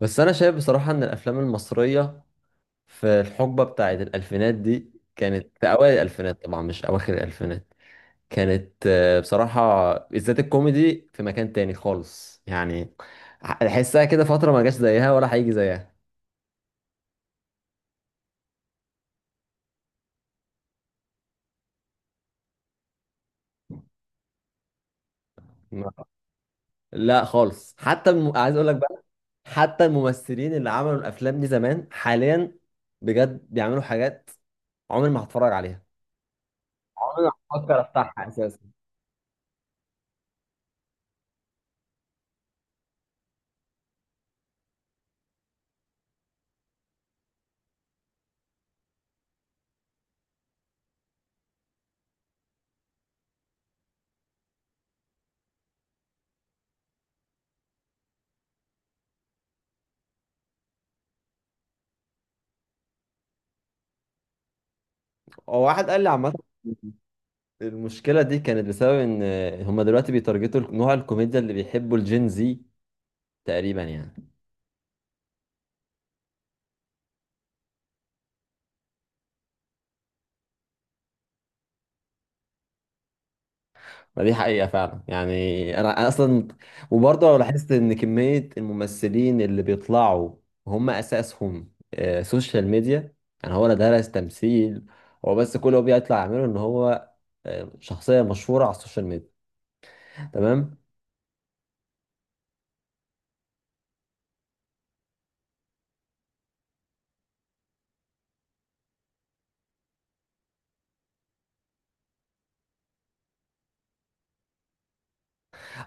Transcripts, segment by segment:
بس انا شايف بصراحة ان الافلام المصرية في الحقبة بتاعت الالفينات دي كانت في اوائل الالفينات، طبعا مش اواخر الالفينات. كانت بصراحة، بالذات الكوميدي، في مكان تاني خالص يعني. احسها كده فترة ما جاش زيها ولا هيجي زيها. ما- لا خالص. حتى عايز اقول لك بقى، حتى الممثلين اللي عملوا الافلام دي زمان حاليا بجد بيعملوا حاجات عمري ما هتفرج عليها، عمري ما هفكر افتحها اساسا. هو واحد قال لي عامة المشكلة دي كانت بسبب ان هما دلوقتي بيتارجتوا نوع الكوميديا اللي بيحبوا الجين زي، تقريبا يعني. ما دي حقيقة فعلا يعني. أنا اصلا. وبرضه لو لاحظت ان كمية الممثلين اللي بيطلعوا هم اساسهم سوشيال ميديا. يعني هو لا درس تمثيل، هو بس كل اللي هو بيطلع يعمله ان هو شخصية مشهورة على السوشيال ميديا، تمام.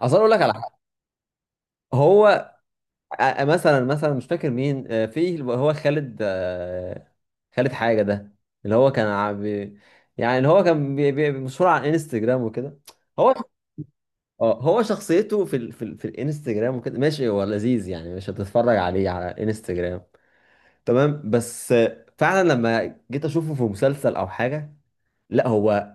اصلا اقول لك على حاجة. هو مثلا مش فاكر مين، في اللي هو خالد، خالد حاجة ده، اللي هو يعني اللي هو كان مشهور على انستجرام وكده. هو اه هو شخصيته في الانستجرام وكده، ماشي هو لذيذ يعني، مش هتتفرج عليه على انستجرام، تمام. بس فعلا لما جيت اشوفه في مسلسل او حاجة، لا هو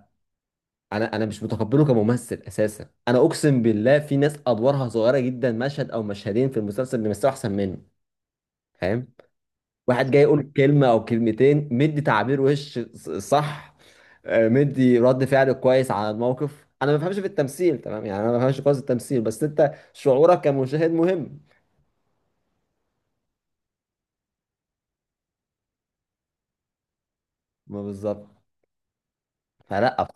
انا مش متقبله كممثل اساسا. انا اقسم بالله في ناس ادوارها صغيرة جدا، مشهد او مشهدين في المسلسل، بيمثلوا احسن منه، فاهم. واحد جاي يقول كلمة أو كلمتين مدي تعبير وش صح، مدي رد فعل كويس على الموقف. أنا ما بفهمش في التمثيل، تمام يعني، أنا ما بفهمش كويس التمثيل، بس أنت شعورك كمشاهد مهم. ما بالظبط، فلا.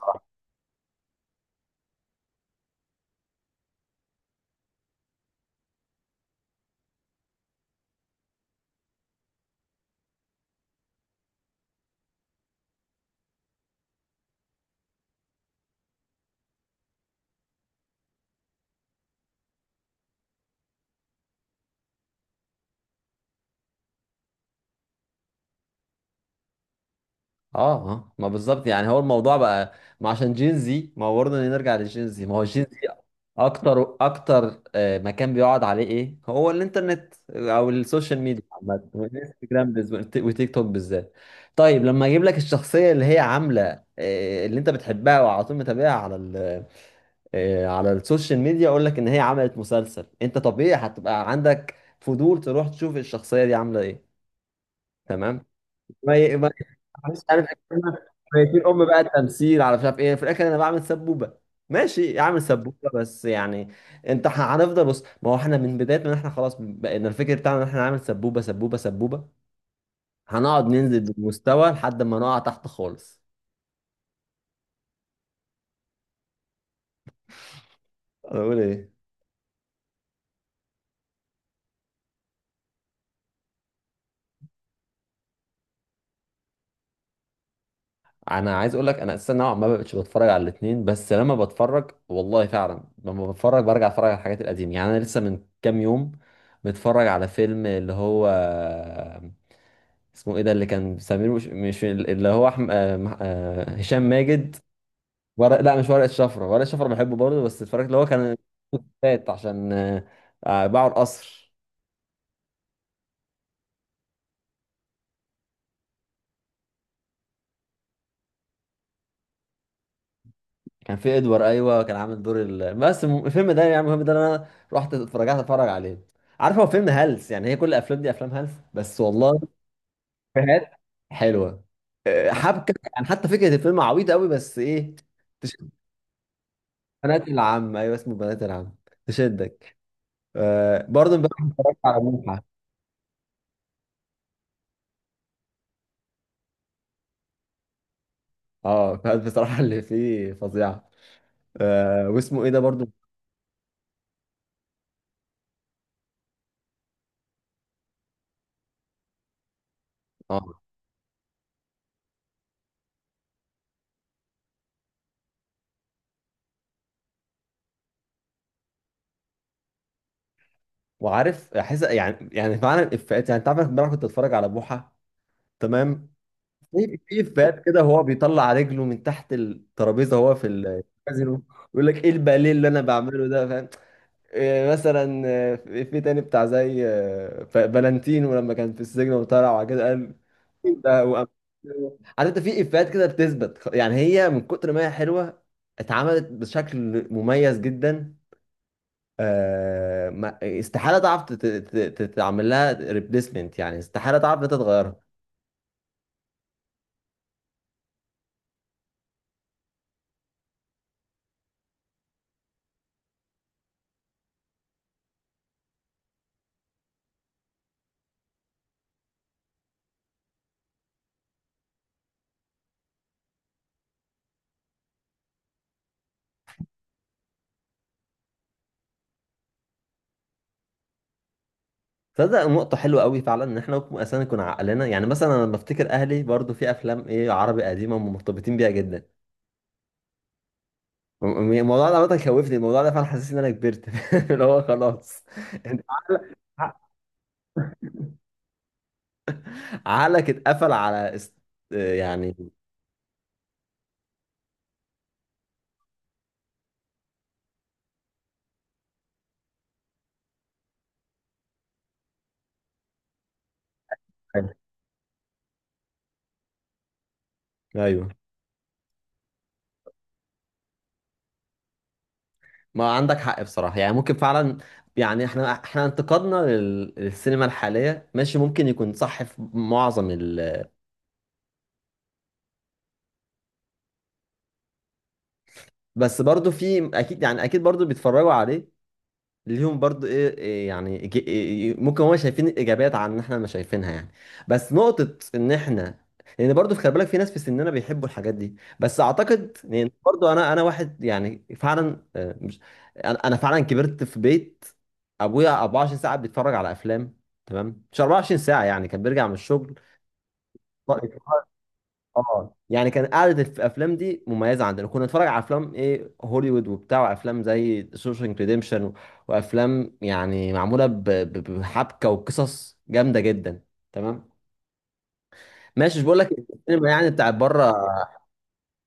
اه ما بالظبط. يعني هو الموضوع بقى ما عشان جين زي ما هو، برضه نرجع للجين زي ما هو، جين زي اكتر اكتر، مكان بيقعد عليه ايه، هو الانترنت او السوشيال ميديا عامه، الانستجرام وتيك توك بالذات. طيب لما اجيب لك الشخصيه اللي هي عامله اللي انت بتحبها وعلى طول متابعها على على السوشيال ميديا، اقول لك ان هي عملت مسلسل، انت طبيعي هتبقى عندك فضول تروح تشوف الشخصيه دي عامله ايه، تمام. ما ي... ما مش عارف، ميتين ام بقى التمثيل على مش عارف ايه. في الاخر انا بعمل سبوبه، ماشي اعمل سبوبه بس يعني. انت هنفضل. بص، ما هو احنا من بدايه ما احنا خلاص بقينا الفكر بتاعنا ان احنا نعمل سبوبه سبوبه سبوبه، هنقعد ننزل بالمستوى لحد ما نقع تحت خالص. انا بقول ايه؟ انا عايز اقول لك انا اساسا نوعا ما بقتش بتفرج على الاثنين، بس لما بتفرج والله فعلا لما بتفرج برجع اتفرج على الحاجات القديمه يعني. انا لسه من كام يوم متفرج على فيلم اللي هو اسمه ايه ده، اللي كان سمير، مش اللي هو احمد، هشام ماجد. ورق، لا مش ورقة شفرة. ورقة شفرة بحبه برضه، بس اتفرجت اللي هو كان فات عشان باعوا القصر. كان في ادوار، ايوه كان عامل دور بس الفيلم ده يعني، المهم ده انا رحت اتفرج عليه. عارف، هو فيلم هلس يعني، هي كل الافلام دي افلام هلس، بس والله إفيهات حلوه، حبكه يعني حتى فكره الفيلم عبيطه قوي بس ايه، تشد. بنات العم، ايوه اسمه بنات العم، تشدك. برضه امبارح اتفرجت على بوحة. اه، فبصراحة اللي فيه فظيعة. واسمه ايه ده برضو. اه، وعارف احس يعني فعلا الافيهات، يعني انت عارف امبارح كنت اتفرج على بوحة، تمام. في افيهات كده، هو بيطلع رجله من تحت الترابيزة، هو في الكازينو، يقول لك ايه الباليه اللي انا بعمله ده، فاهم. إيه مثلا، في تاني بتاع زي فالنتينو لما كان في السجن وطلع، وبعد كده قال ده عارف، انت في افيهات كده بتثبت. يعني هي من كتر ما هي حلوه اتعملت بشكل مميز جدا، استحاله تعرف تعمل لها ريبليسمنت يعني، استحاله تعرف ان انت تغيرها. تصدق نقطة حلوة قوي فعلا، ان احنا ممكن اصلا نكون عقلنا، يعني مثلا انا لما افتكر اهلي برضو في افلام ايه عربي قديمة مرتبطين بيها جدا. الموضوع ده عامة خوفني، الموضوع ده فعلا حسسني ان انا كبرت. اللي هو خلاص، انت عقلك اتقفل على يعني. ايوه، ما عندك حق بصراحة، يعني ممكن فعلا. يعني احنا انتقادنا للسينما الحالية ماشي، ممكن يكون صح في معظم بس برضو في اكيد، يعني اكيد برضو بيتفرجوا عليه، ليهم برضو ايه إيه يعني، إيه، ممكن هم شايفين الايجابيات عن ان احنا ما شايفينها يعني. بس نقطة ان احنا، لان برضو في، خلي بالك في ناس في سننا بيحبوا الحاجات دي. بس اعتقد لان برضو انا، واحد يعني فعلا مش. أنا فعلا كبرت في بيت ابويا 24 ساعة بيتفرج على افلام، تمام مش 24 ساعة يعني، كان بيرجع من الشغل. اه، يعني كان قعدة الافلام دي مميزه عندنا، كنا نتفرج على افلام ايه هوليوود وبتاع، وافلام زي شوشنك ريديمشن، وافلام يعني معموله بحبكه وقصص جامده جدا، تمام. ماشي، مش بقول لك السينما يعني بتاعت بره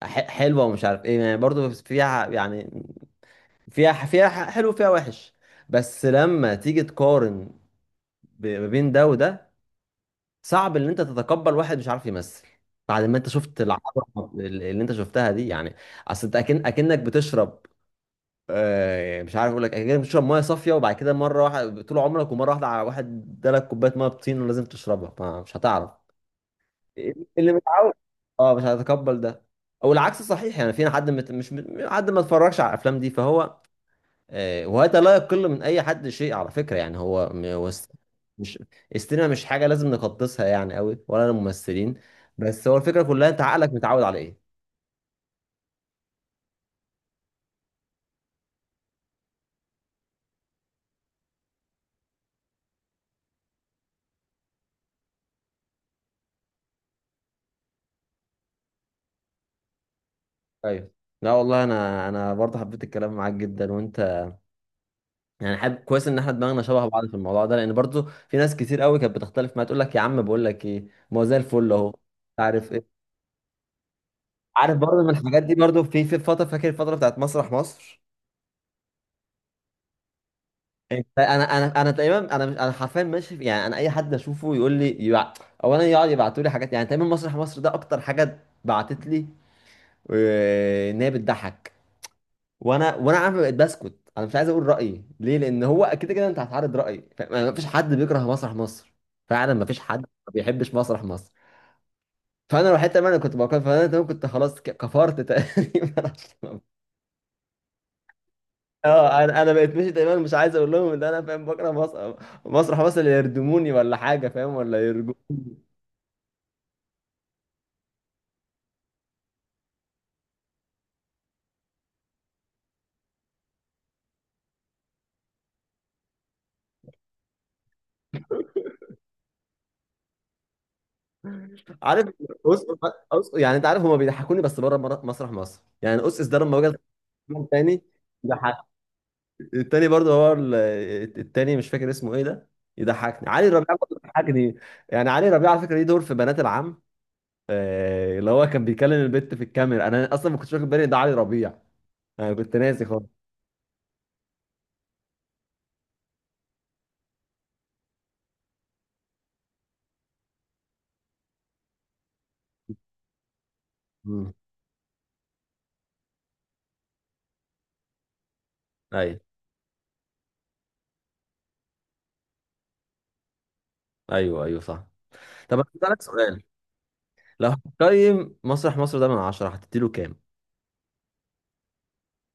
حلوه ومش عارف ايه يعني، برضه فيها يعني فيها، حلو فيها وحش. بس لما تيجي تقارن ما بين ده وده، صعب ان انت تتقبل واحد مش عارف يمثل بعد ما انت شفت العبره اللي انت شفتها دي يعني. اصل انت اكنك بتشرب، مش عارف اقول لك، اكنك بتشرب ميه صافيه، وبعد كده مره واحده طول عمرك، ومره واحده على واحد ادالك كوبايه ميه بطين ولازم تشربها، مش هتعرف. اللي متعود، اه، مش هيتقبل ده. او العكس صحيح يعني، في حد مش حد ما اتفرجش على الافلام دي فهو، وهذا لا يقل من اي حد شيء على فكره يعني. هو هو مش. السينما مش حاجه لازم نقدسها يعني قوي، ولا الممثلين. بس هو الفكره كلها انت عقلك متعود على ايه. ايوه. لا والله انا، برضه حبيت الكلام معاك جدا. وانت يعني حابب، كويس ان احنا دماغنا شبه بعض في الموضوع ده، لان برضه في ناس كتير قوي كانت بتختلف معايا تقول لك يا عم، بقول لك ايه ما هو زي الفل اهو، مش عارف ايه. عارف برضه من الحاجات دي برضه، في فتره فاكر الفتره بتاعت مسرح مصر. انت انا انا انا تقريبا، انا مش انا حرفيا ماشي يعني، انا اي حد اشوفه يقول لي اولا يقعد يبعتوا لي حاجات يعني، تقريبا مسرح مصر ده اكتر حاجه بعتت لي ان هي بتضحك. وانا عارف بقيت بسكت، انا مش عايز اقول رايي ليه، لان هو كده كده انت هتعرض رايي، ما فيش حد بيكره مسرح مصر فعلا، ما فيش حد ما بيحبش مسرح مصر. فانا الوحيد تقريبا اللي كنت بكره، فانا تقريباً كنت خلاص كفرت تقريبا. اه، انا بقيت ماشي دايما مش عايز اقول لهم ان انا فاهم، بكره مسرح، بس اللي يردموني ولا حاجه فاهم، ولا يرجو، عارف. أس... يعني انت عارف هما بيضحكوني بس بره مسرح مصر يعني، اس ده لما بجد تاني ضحك. التاني برضه هو التاني مش فاكر اسمه ايه ده، يضحكني. علي ربيع برضه بيضحكني. يعني علي ربيع على فكره ليه دور في بنات العم، اللي هو كان بيكلم البت في الكاميرا. انا اصلا ما كنتش واخد بالي إن ده علي ربيع، انا كنت ناسي خالص. مم. ايوه، ايوه، ايوه، صح. طب أنا هسألك سؤال، لو هتقيم مسرح مصر ده من 10 هتديله كام؟